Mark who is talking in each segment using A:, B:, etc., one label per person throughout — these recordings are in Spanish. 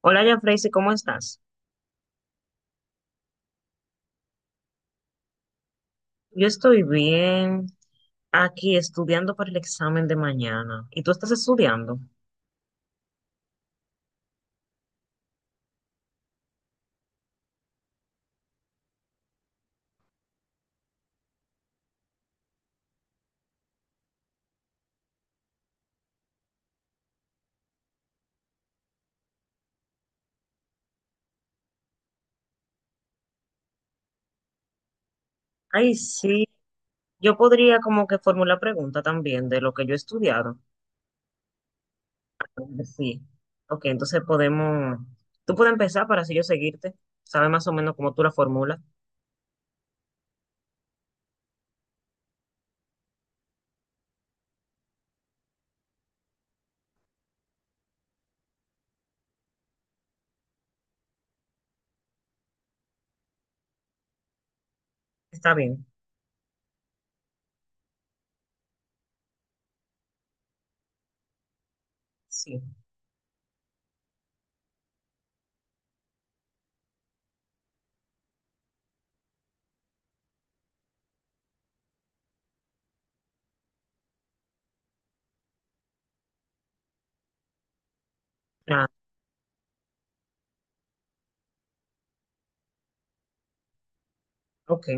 A: Hola, Yafraise, ¿cómo estás? Yo estoy bien, aquí estudiando para el examen de mañana. ¿Y tú estás estudiando? Ay, sí. Yo podría como que formular pregunta también de lo que yo he estudiado. Sí. Ok, entonces podemos. Tú puedes empezar para así yo seguirte. Sabes más o menos cómo tú la formulas. Está bien. Sí. Ah, ok.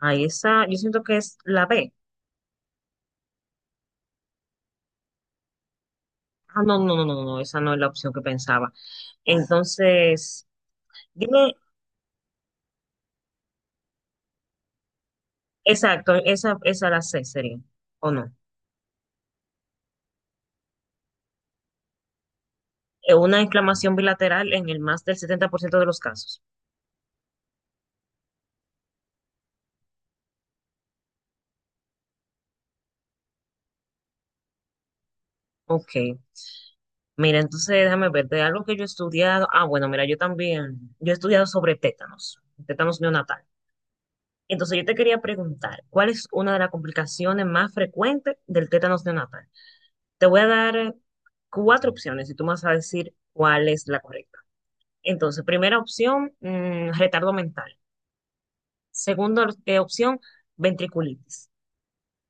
A: Ahí esa, yo siento que es la B. Ah, no, no, no, no, no, esa no es la opción que pensaba. Entonces, dime. Exacto, esa la C sería, ¿o no? Una inflamación bilateral en el más del 70% de los casos. Ok, mira, entonces déjame ver, de algo que yo he estudiado, bueno, mira, yo también, yo he estudiado sobre tétanos, tétanos neonatal. Entonces yo te quería preguntar, ¿cuál es una de las complicaciones más frecuentes del tétanos neonatal? Te voy a dar cuatro opciones y tú me vas a decir cuál es la correcta. Entonces, primera opción, retardo mental. Segunda opción, ventriculitis.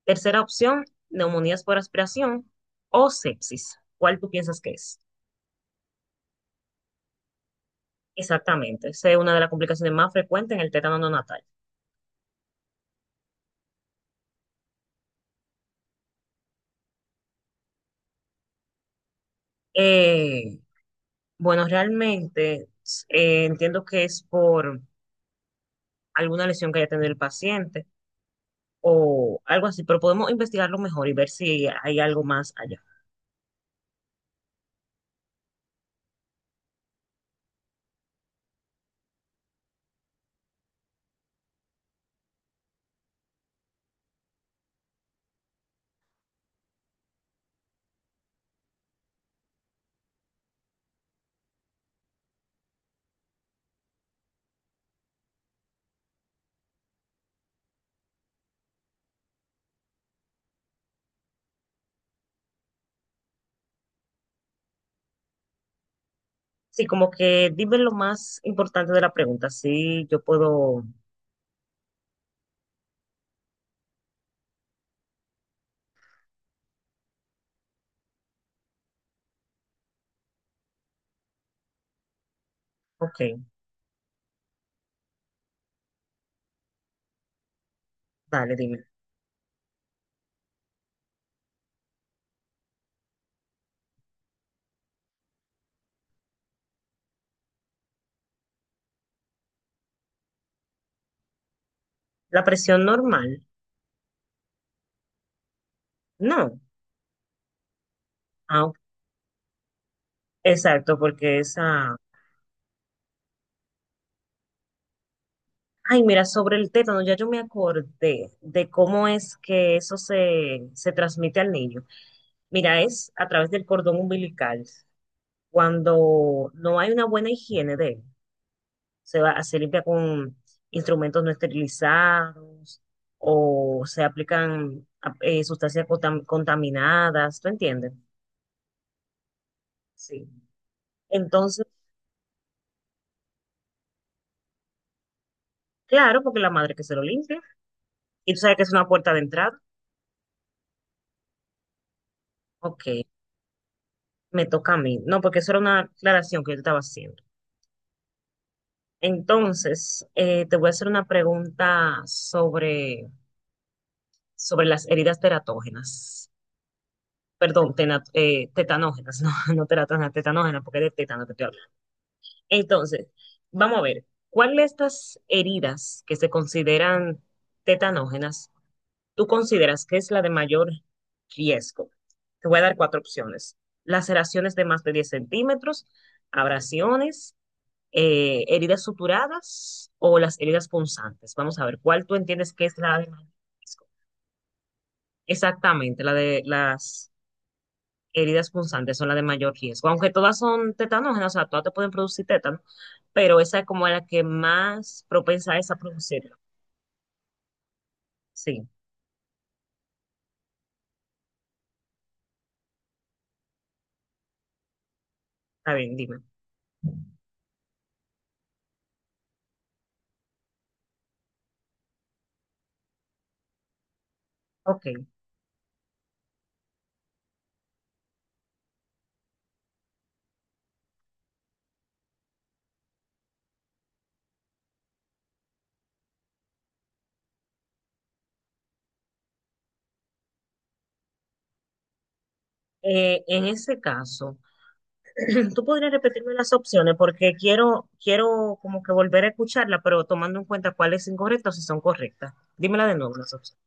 A: Tercera opción, neumonías por aspiración o sepsis. ¿Cuál tú piensas que es? Exactamente, esa es una de las complicaciones más frecuentes en el tétano neonatal. Eh, bueno, realmente entiendo que es por alguna lesión que haya tenido el paciente o algo así, pero podemos investigarlo mejor y ver si hay algo más allá. Sí, como que dime lo más importante de la pregunta, si yo puedo. Ok, dale, dime. La presión normal, no. Ah, ok, exacto, porque esa... Ay, mira, sobre el tétano, ya yo me acordé de cómo es que eso se transmite al niño. Mira, es a través del cordón umbilical. Cuando no hay una buena higiene de él, se va, se limpia con instrumentos no esterilizados o se aplican sustancias contaminadas, ¿tú entiendes? Sí. Entonces, claro, porque la madre que se lo limpia y tú sabes que es una puerta de entrada. Ok, me toca a mí. No, porque eso era una aclaración que yo te estaba haciendo. Entonces, te voy a hacer una pregunta sobre las heridas teratógenas. Perdón, tetanógenas, no, no teratógenas, tetanógenas, porque es de tétano que estoy hablando. Entonces, vamos a ver, ¿cuál de estas heridas que se consideran tetanógenas tú consideras que es la de mayor riesgo? Te voy a dar cuatro opciones. Laceraciones de más de 10 cm, abrasiones, heridas suturadas o las heridas punzantes. Vamos a ver, ¿cuál tú entiendes que es la de mayor riesgo? Exactamente, la de las heridas punzantes son la de mayor riesgo, aunque todas son tetanógenas, o sea, todas te pueden producir tétano, pero esa es como la que más propensa es a producirlo. Sí, está bien, dime. Ok. En ese caso, tú podrías repetirme las opciones porque quiero como que volver a escucharla, pero tomando en cuenta cuáles son incorrectas y son correctas. Dímela de nuevo las opciones.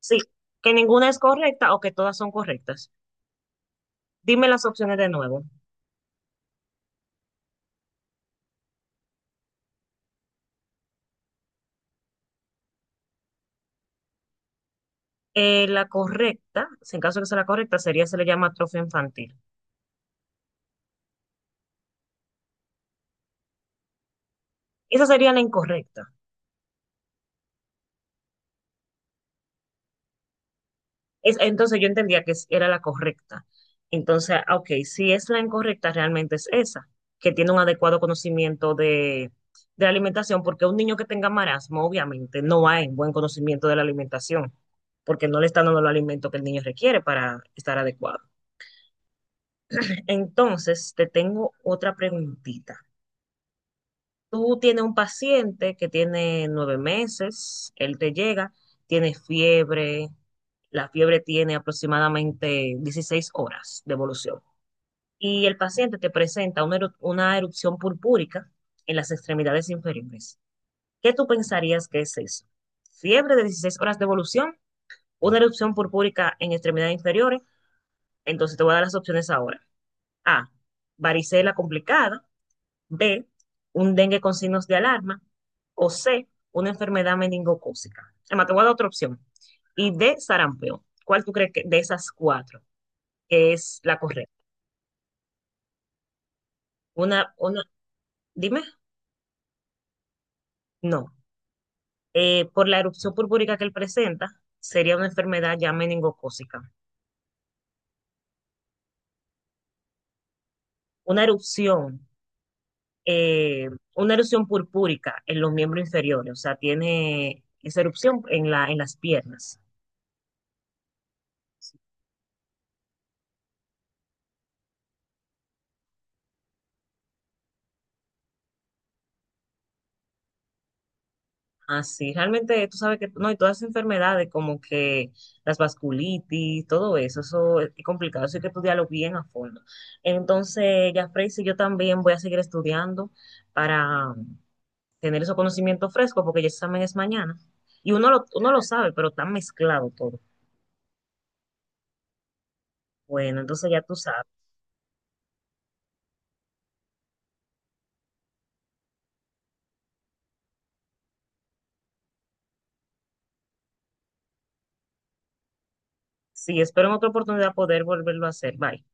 A: Sí, que ninguna es correcta o que todas son correctas. Dime las opciones de nuevo. La correcta, si en caso de que sea la correcta, sería, se le llama atrofia infantil. Esa sería la incorrecta. Es, entonces yo entendía que es- era la correcta. Entonces, ah, ok, si es la incorrecta, realmente es esa, que tiene un adecuado conocimiento de la alimentación, porque un niño que tenga marasmo, obviamente, no hay buen conocimiento de la alimentación, porque no le están dando los alimento que el niño requiere para estar adecuado. Entonces, te tengo otra preguntita. Tú tienes un paciente que tiene 9 meses, él te llega, tiene fiebre, la fiebre tiene aproximadamente 16 horas de evolución y el paciente te presenta una, una erupción purpúrica en las extremidades inferiores. ¿Qué tú pensarías que es eso? ¿Fiebre de 16 horas de evolución? ¿Una erupción purpúrica en extremidades inferiores? Entonces te voy a dar las opciones ahora. A. Varicela complicada. B, un dengue con signos de alarma, o C, una enfermedad meningocócica. Además, te voy a dar otra opción. Y D, sarampión. ¿Cuál tú crees que de esas cuatro es la correcta? Una, una, dime, no. Por la erupción purpúrica que él presenta, sería una enfermedad ya meningocócica. Una erupción, eh, una erupción purpúrica en los miembros inferiores, o sea, tiene esa erupción en la, en las piernas. Así, realmente tú sabes que, no, y todas esas enfermedades como que las vasculitis, todo eso, eso es complicado, eso hay que estudiarlo bien a fondo. Entonces, ya Freysi, yo también voy a seguir estudiando para tener esos conocimientos frescos, porque el examen es mañana. Y uno lo sabe, pero está mezclado todo. Bueno, entonces ya tú sabes. Sí, espero en otra oportunidad poder volverlo a hacer. Bye.